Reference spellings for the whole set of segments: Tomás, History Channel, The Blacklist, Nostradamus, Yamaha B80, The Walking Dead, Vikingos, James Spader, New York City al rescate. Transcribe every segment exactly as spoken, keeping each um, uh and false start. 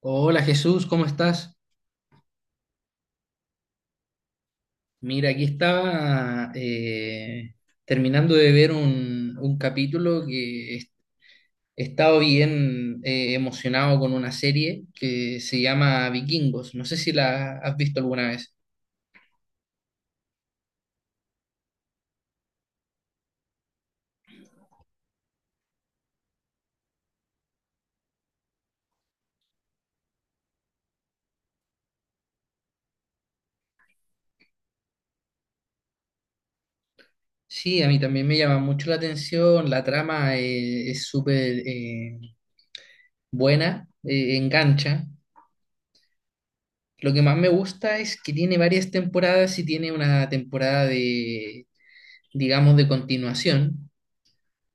Hola Jesús, ¿cómo estás? Mira, aquí estaba eh, terminando de ver un, un capítulo que he he estado bien eh, emocionado con una serie que se llama Vikingos. No sé si la has visto alguna vez. Sí, a mí también me llama mucho la atención, la trama eh, es súper eh, buena, eh, engancha. Lo que más me gusta es que tiene varias temporadas y tiene una temporada de, digamos, de continuación,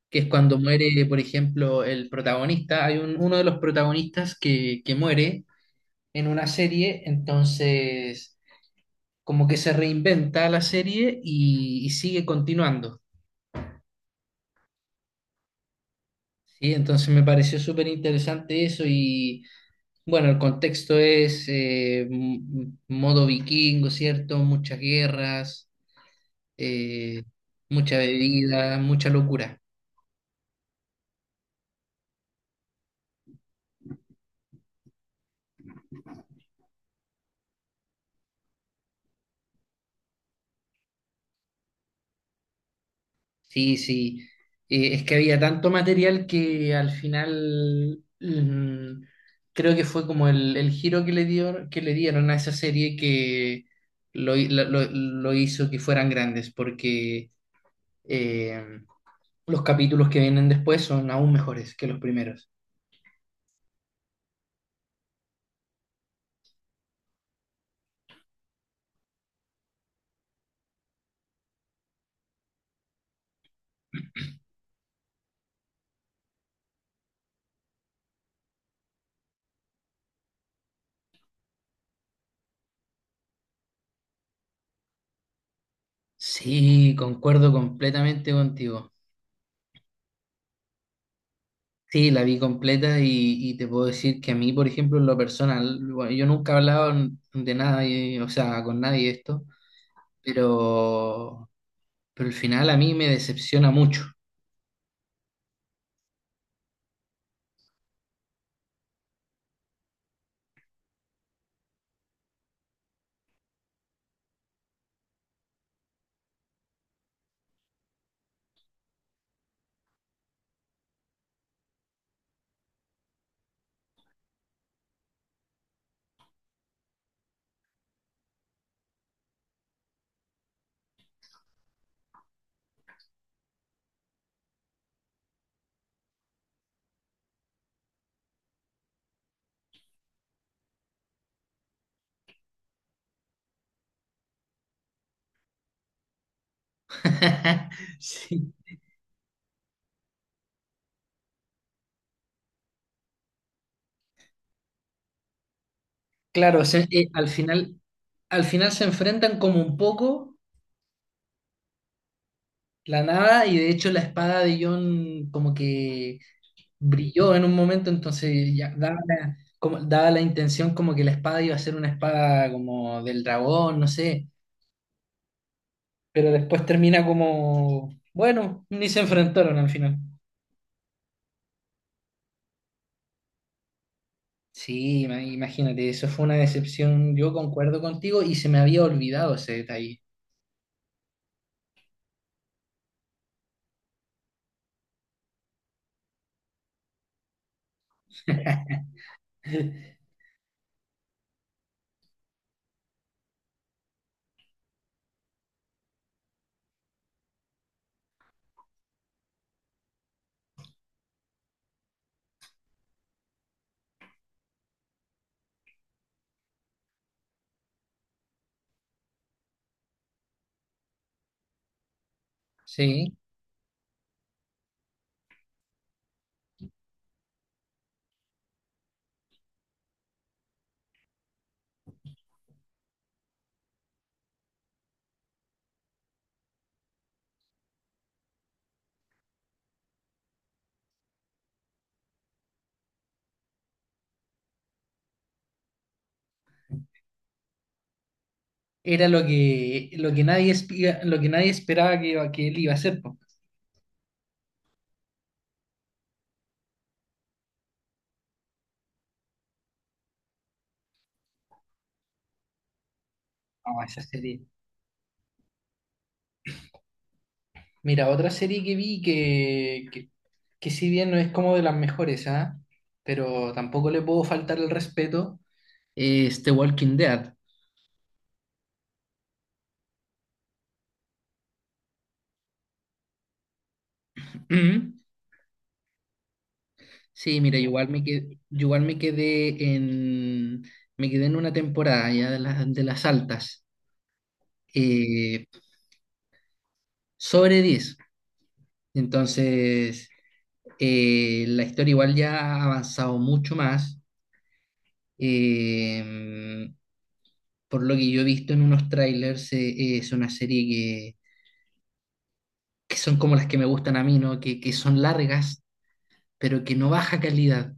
que es cuando muere, por ejemplo, el protagonista. Hay un- uno de los protagonistas que, que muere en una serie, entonces como que se reinventa la serie y, y sigue continuando. ¿Sí? Entonces me pareció súper interesante eso y bueno, el contexto es eh, m- m- modo vikingo, ¿cierto? Muchas guerras, eh, mucha bebida, mucha locura. Sí, sí. Eh, es que había tanto material que al final mm, creo que fue como el, el giro que le dio, que le dieron a esa serie que lo, hi- lo- lo- lo hizo que fueran grandes, porque eh, los capítulos que vienen después son aún mejores que los primeros. Sí, concuerdo completamente contigo. Sí, la vi completa y, y te puedo decir que a mí, por ejemplo, en lo personal, bueno, yo nunca he hablado de nada, eh, o sea, con nadie de esto. pero, pero el final a mí me decepciona mucho. Sí, claro, se- eh, al final, al final se enfrentan como un poco la nada y de hecho la espada de Jon como que brilló en un momento, entonces ya daba la, como, daba la intención como que la espada iba a ser una espada como del dragón, no sé, pero después termina como, bueno, ni se enfrentaron al final. Sí, ima- imagínate, eso fue una decepción. Yo concuerdo contigo y se me había olvidado ese detalle. Sí, era lo que, lo que nadie, espi- lo que nadie esperaba que, que él iba a hacer. Po. No, esa serie. Mira, otra serie que vi que, que, que si bien no es como de las mejores, ¿ah? Pero tampoco le puedo faltar el respeto, es The Walking Dead. Sí, mira, igual me quedé, igual me quedé en, me quedé en una temporada ya de las, de las altas, eh, sobre diez. Entonces, eh, la historia igual ya ha avanzado mucho más. Eh, por lo que yo he visto en unos trailers, eh, es una serie que, que son como las que me gustan a mí, ¿no? Que, que son largas, pero que no baja calidad.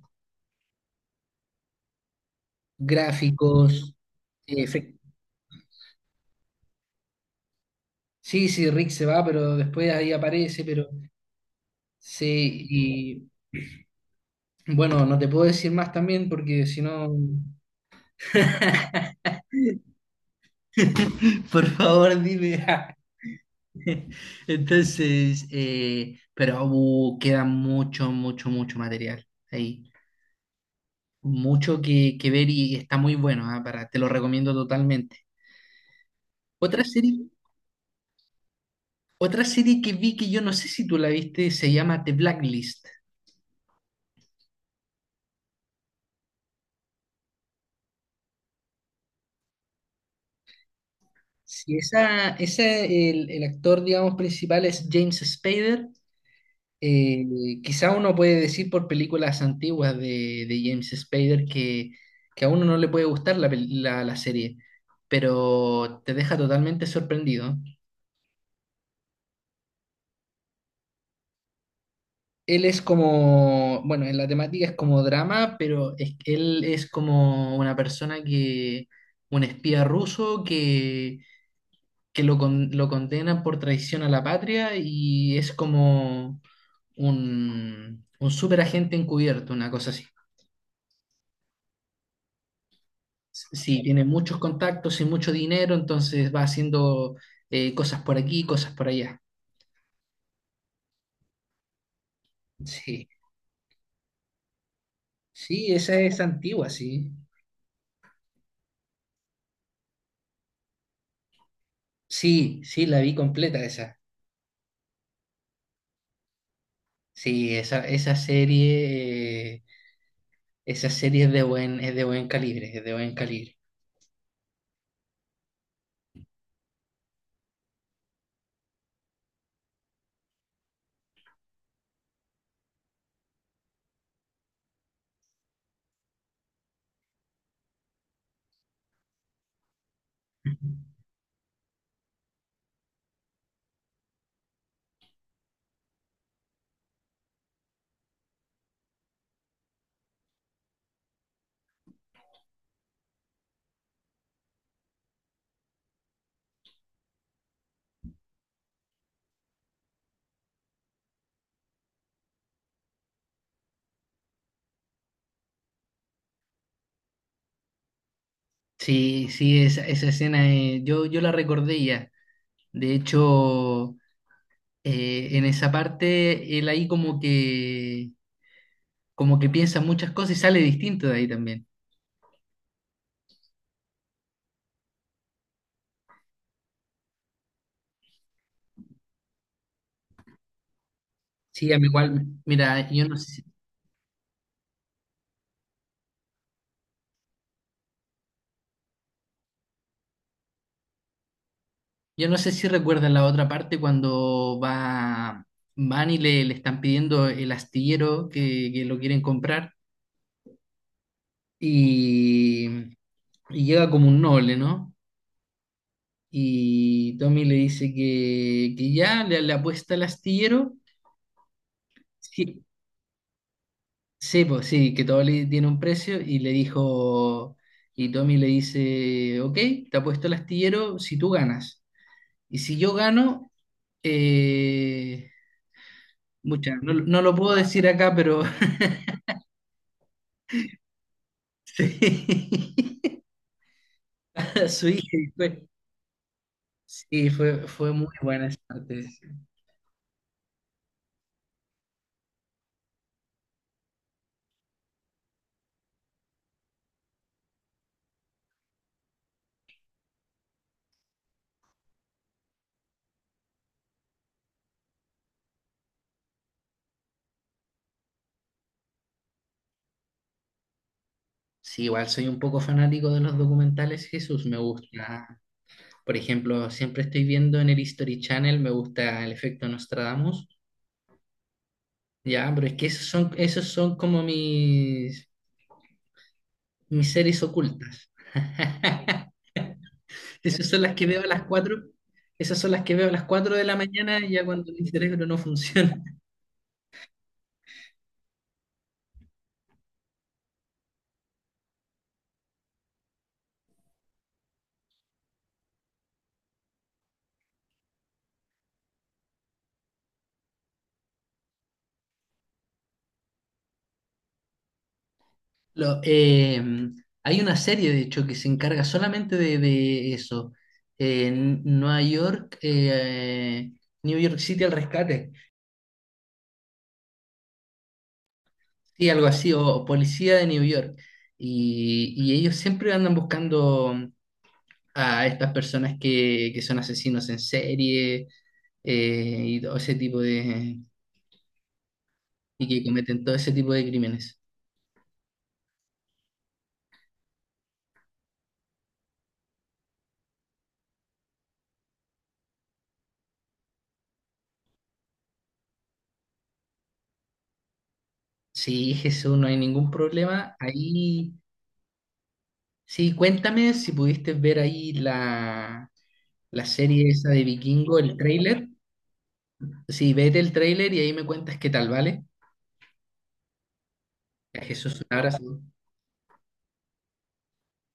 Gráficos, eh, efec- sí, sí, Rick se va, pero después ahí aparece, pero sí, y bueno, no te puedo decir más también porque si no... Por favor, dime. Entonces, eh, pero uh, queda mucho, mucho, mucho material ahí. Mucho que, que ver y está muy bueno, ah. Para, te lo recomiendo totalmente. Otra serie, Otra serie que vi que yo no sé si tú la viste, se llama The Blacklist. Si esa, ese, el, el actor, digamos, principal es James Spader. Eh, quizá uno puede decir por películas antiguas de, de James Spader que, que a uno no le puede gustar la, pel- la, la serie, pero te deja totalmente sorprendido. Él es como, bueno, en la temática es como drama, pero es- él es como una persona que, un espía ruso que, que lo, con- lo condenan por traición a la patria y es como un, un superagente encubierto, una cosa así. Sí, tiene muchos contactos y mucho dinero, entonces va haciendo eh, cosas por aquí, cosas por allá. Sí, sí, esa es antigua, sí. Sí, sí, la vi completa esa. Sí, esa, esa serie, eh, esa serie es de buen, es de buen calibre, es de buen calibre. Sí, sí, esa, esa escena eh, yo, yo la recordé ya. De hecho, eh, en esa parte él ahí como que, como que piensa muchas cosas y sale distinto de ahí también. Sí, a mí igual, mira, yo no sé, si- yo no sé si recuerdan la otra parte cuando va, van y le, le están pidiendo el astillero que, que lo quieren comprar y, y llega como un noble, ¿no? Y Tommy le dice que, que ya le, le apuesta el astillero. Sí, sí, pues sí, que todo le tiene un precio y le dijo, y Tommy le dice, ok, te apuesto el astillero si tú ganas. Y si yo gano... Eh, muchas no, lo no lo puedo decir acá, pero sí, sí, fue, sí, fue, fue muy buena esa parte. Sí. Sí, igual soy un poco fanático de los documentales, Jesús, me gusta. Por ejemplo, siempre estoy viendo en el History Channel, me gusta el efecto Nostradamus, ya, pero es que esos son, esos son como mis, mis series ocultas. Esas son las que veo a las cuatro, esas son las que veo a las cuatro de la mañana, ya cuando mi cerebro no funciona. Lo- eh, Hay una serie, de hecho, que se encarga solamente de, de eso. Eh, Nueva York, eh, New York City al rescate. Sí, algo así, o, o Policía de New York. Y, y ellos siempre andan buscando a estas personas que, que son asesinos en serie, eh, y todo ese tipo de... y que cometen todo ese tipo de crímenes. Sí, Jesús, no hay ningún problema. Ahí... Sí, cuéntame si pudiste ver ahí la, la serie esa de Vikingo, el tráiler. Sí, vete el tráiler y ahí me cuentas qué tal, ¿vale? A Jesús, un abrazo.